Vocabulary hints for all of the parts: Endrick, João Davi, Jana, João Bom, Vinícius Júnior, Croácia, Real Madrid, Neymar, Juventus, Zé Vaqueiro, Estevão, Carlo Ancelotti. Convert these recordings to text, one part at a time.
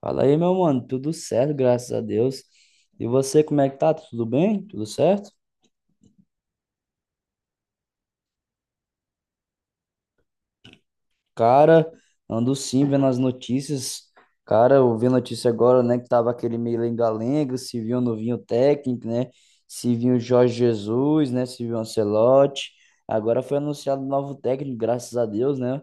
Fala aí, meu mano, tudo certo, graças a Deus. E você, como é que tá? Tudo bem? Tudo certo? Cara, ando sim vendo as notícias. Cara, eu vi notícia agora, né, que tava aquele meio lenga-lenga, se viu um novinho técnico, né? Se viu o Jorge Jesus, né? Se viu o Ancelotti. Agora foi anunciado um novo técnico, graças a Deus, né?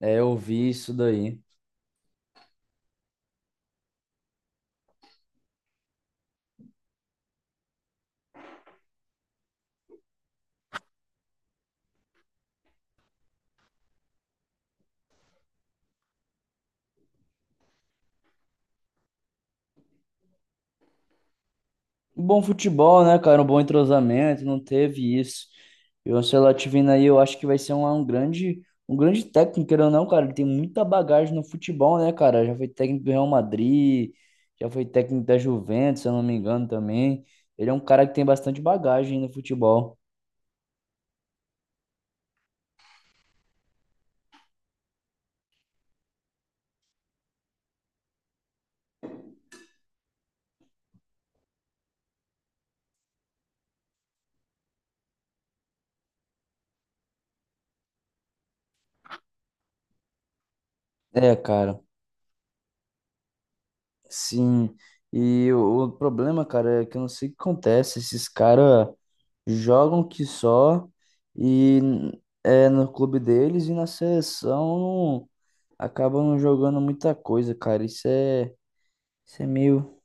É, eu vi isso daí. Um bom futebol, né, cara? Um bom entrosamento, não teve isso. E o Ancelotti vindo aí, eu acho que vai ser um grande técnico, querendo ou não, cara. Ele tem muita bagagem no futebol, né, cara? Já foi técnico do Real Madrid, já foi técnico da Juventus, se eu não me engano também. Ele é um cara que tem bastante bagagem no futebol. É, cara. Sim, e o problema, cara, é que eu não sei o que acontece. Esses caras jogam que só é no clube deles e na seleção acabam não jogando muita coisa, cara. Isso é meio.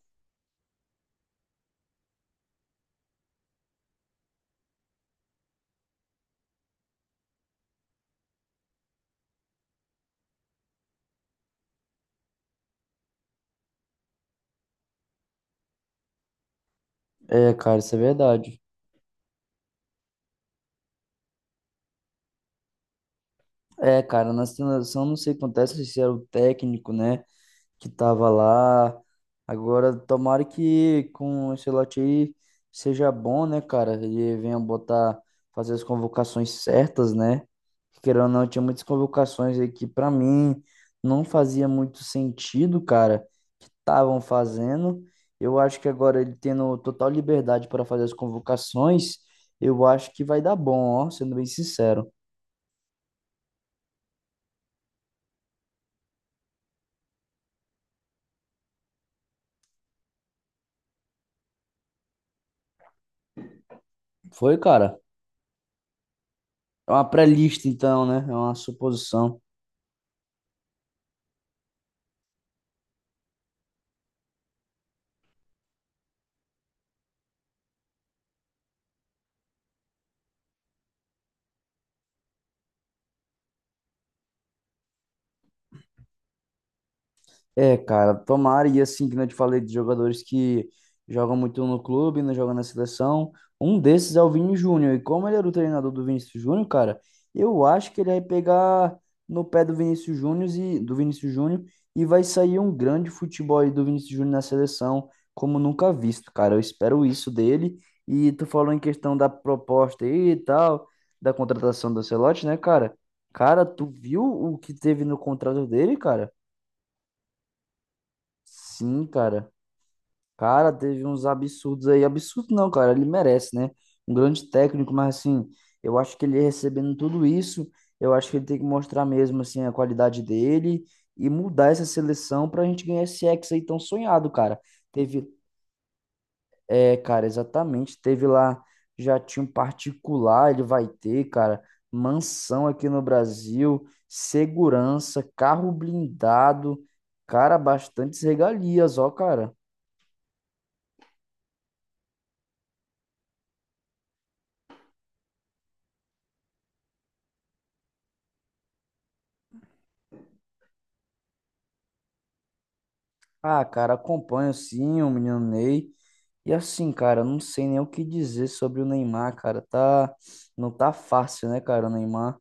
É, cara, isso é verdade. É, cara, na seleção não sei o que acontece se é o técnico, né, que tava lá. Agora, tomara que com o Ancelotti aí seja bom, né, cara? Ele venha botar, fazer as convocações certas, né? Querendo ou não, tinha muitas convocações aí que pra mim não fazia muito sentido, cara. Estavam fazendo. Eu acho que agora ele tendo total liberdade para fazer as convocações, eu acho que vai dar bom, ó, sendo bem sincero. Foi, cara? É uma pré-lista, então, né? É uma suposição. É, cara, tomara, e assim, que não te falei de jogadores que jogam muito no clube, não jogam na seleção, um desses é o Vini Júnior, e como ele era o treinador do Vinícius Júnior, cara, eu acho que ele vai pegar no pé do Vinícius Júnior e, do Vinícius Júnior, e vai sair um grande futebol aí do Vinícius Júnior na seleção, como nunca visto, cara, eu espero isso dele, e tu falou em questão da proposta aí e tal, da contratação do Ancelotti, né, cara? Cara, tu viu o que teve no contrato dele, cara? Sim, cara. Cara, teve uns absurdos aí. Absurdo não, cara. Ele merece, né? Um grande técnico, mas assim, eu acho que ele recebendo tudo isso, eu acho que ele tem que mostrar mesmo, assim, a qualidade dele e mudar essa seleção pra gente ganhar esse Hexa aí tão sonhado, cara. Teve, é, cara, exatamente. Teve lá, já tinha um particular, ele vai ter, cara. Mansão aqui no Brasil, segurança, carro blindado, cara, bastantes regalias, ó, cara. Ah, cara, acompanho sim o menino Ney. E assim, cara, eu não sei nem o que dizer sobre o Neymar, cara. Tá, não tá fácil, né, cara, o Neymar?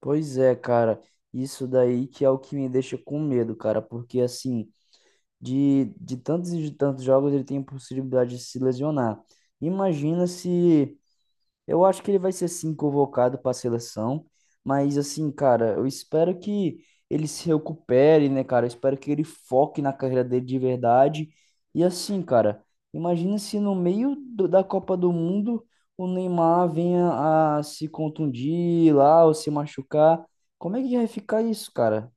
Pois é, cara. Isso daí que é o que me deixa com medo, cara, porque assim, de tantos e de tantos jogos ele tem a possibilidade de se lesionar. Imagina se. Eu acho que ele vai ser sim convocado para a seleção, mas assim, cara, eu espero que ele se recupere, né, cara? Eu espero que ele foque na carreira dele de verdade. E assim, cara, imagina se no meio da Copa do Mundo o Neymar venha a se contundir lá ou se machucar. Como é que vai ficar isso, cara?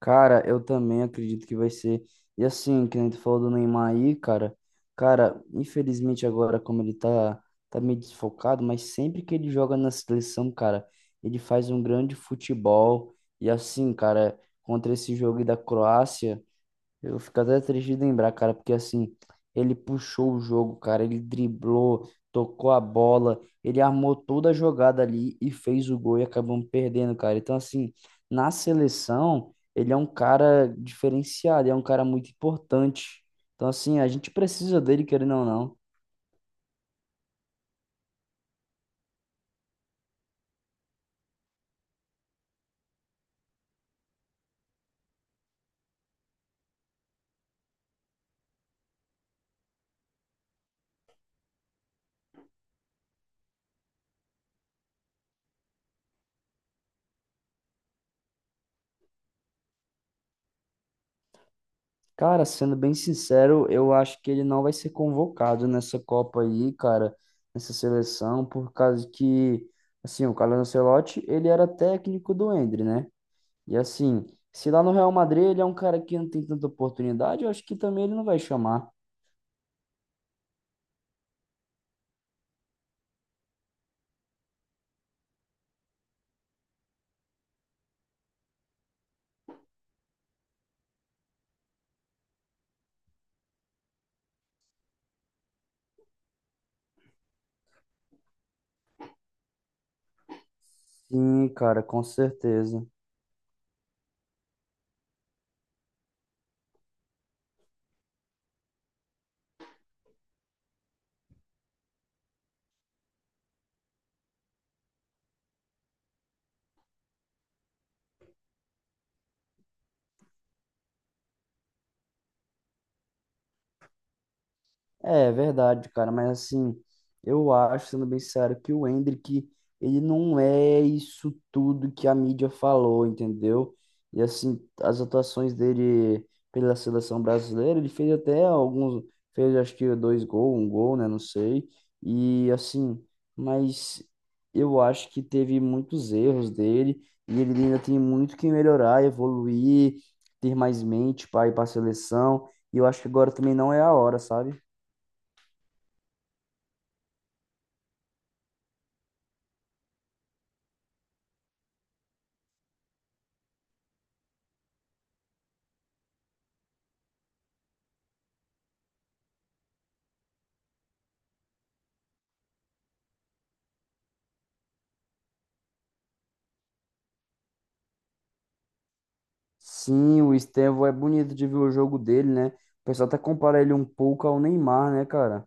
Cara, eu também acredito que vai ser. E assim, que a gente falou do Neymar aí, cara. Cara, infelizmente agora, como ele tá, meio desfocado, mas sempre que ele joga na seleção, cara, ele faz um grande futebol. E assim, cara, contra esse jogo aí da Croácia. Eu fico até triste de lembrar, cara, porque assim, ele puxou o jogo, cara, ele driblou, tocou a bola, ele armou toda a jogada ali e fez o gol e acabamos perdendo, cara. Então, assim, na seleção, ele é um cara diferenciado, é um cara muito importante. Então, assim, a gente precisa dele, querendo ou não. Cara, sendo bem sincero, eu acho que ele não vai ser convocado nessa Copa aí, cara, nessa seleção, por causa que. Assim, o Carlo Ancelotti, ele era técnico do Endre, né? E assim, se lá no Real Madrid ele é um cara que não tem tanta oportunidade, eu acho que também ele não vai chamar. Sim, cara, com certeza. É verdade, cara, mas assim, eu acho, sendo bem sério, que o Endrick, ele não é isso tudo que a mídia falou, entendeu? E assim, as atuações dele pela seleção brasileira, ele fez até alguns, fez acho que dois gols, um gol, né, não sei. E assim, mas eu acho que teve muitos erros dele e ele ainda tem muito que melhorar, evoluir, ter mais mente para ir para a seleção. E eu acho que agora também não é a hora, sabe? Sim, o Estevão é bonito de ver o jogo dele, né? O pessoal até compara ele um pouco ao Neymar, né, cara?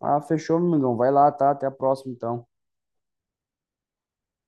Ah, fechou, meu amigão. Vai lá, tá? Até a próxima, então.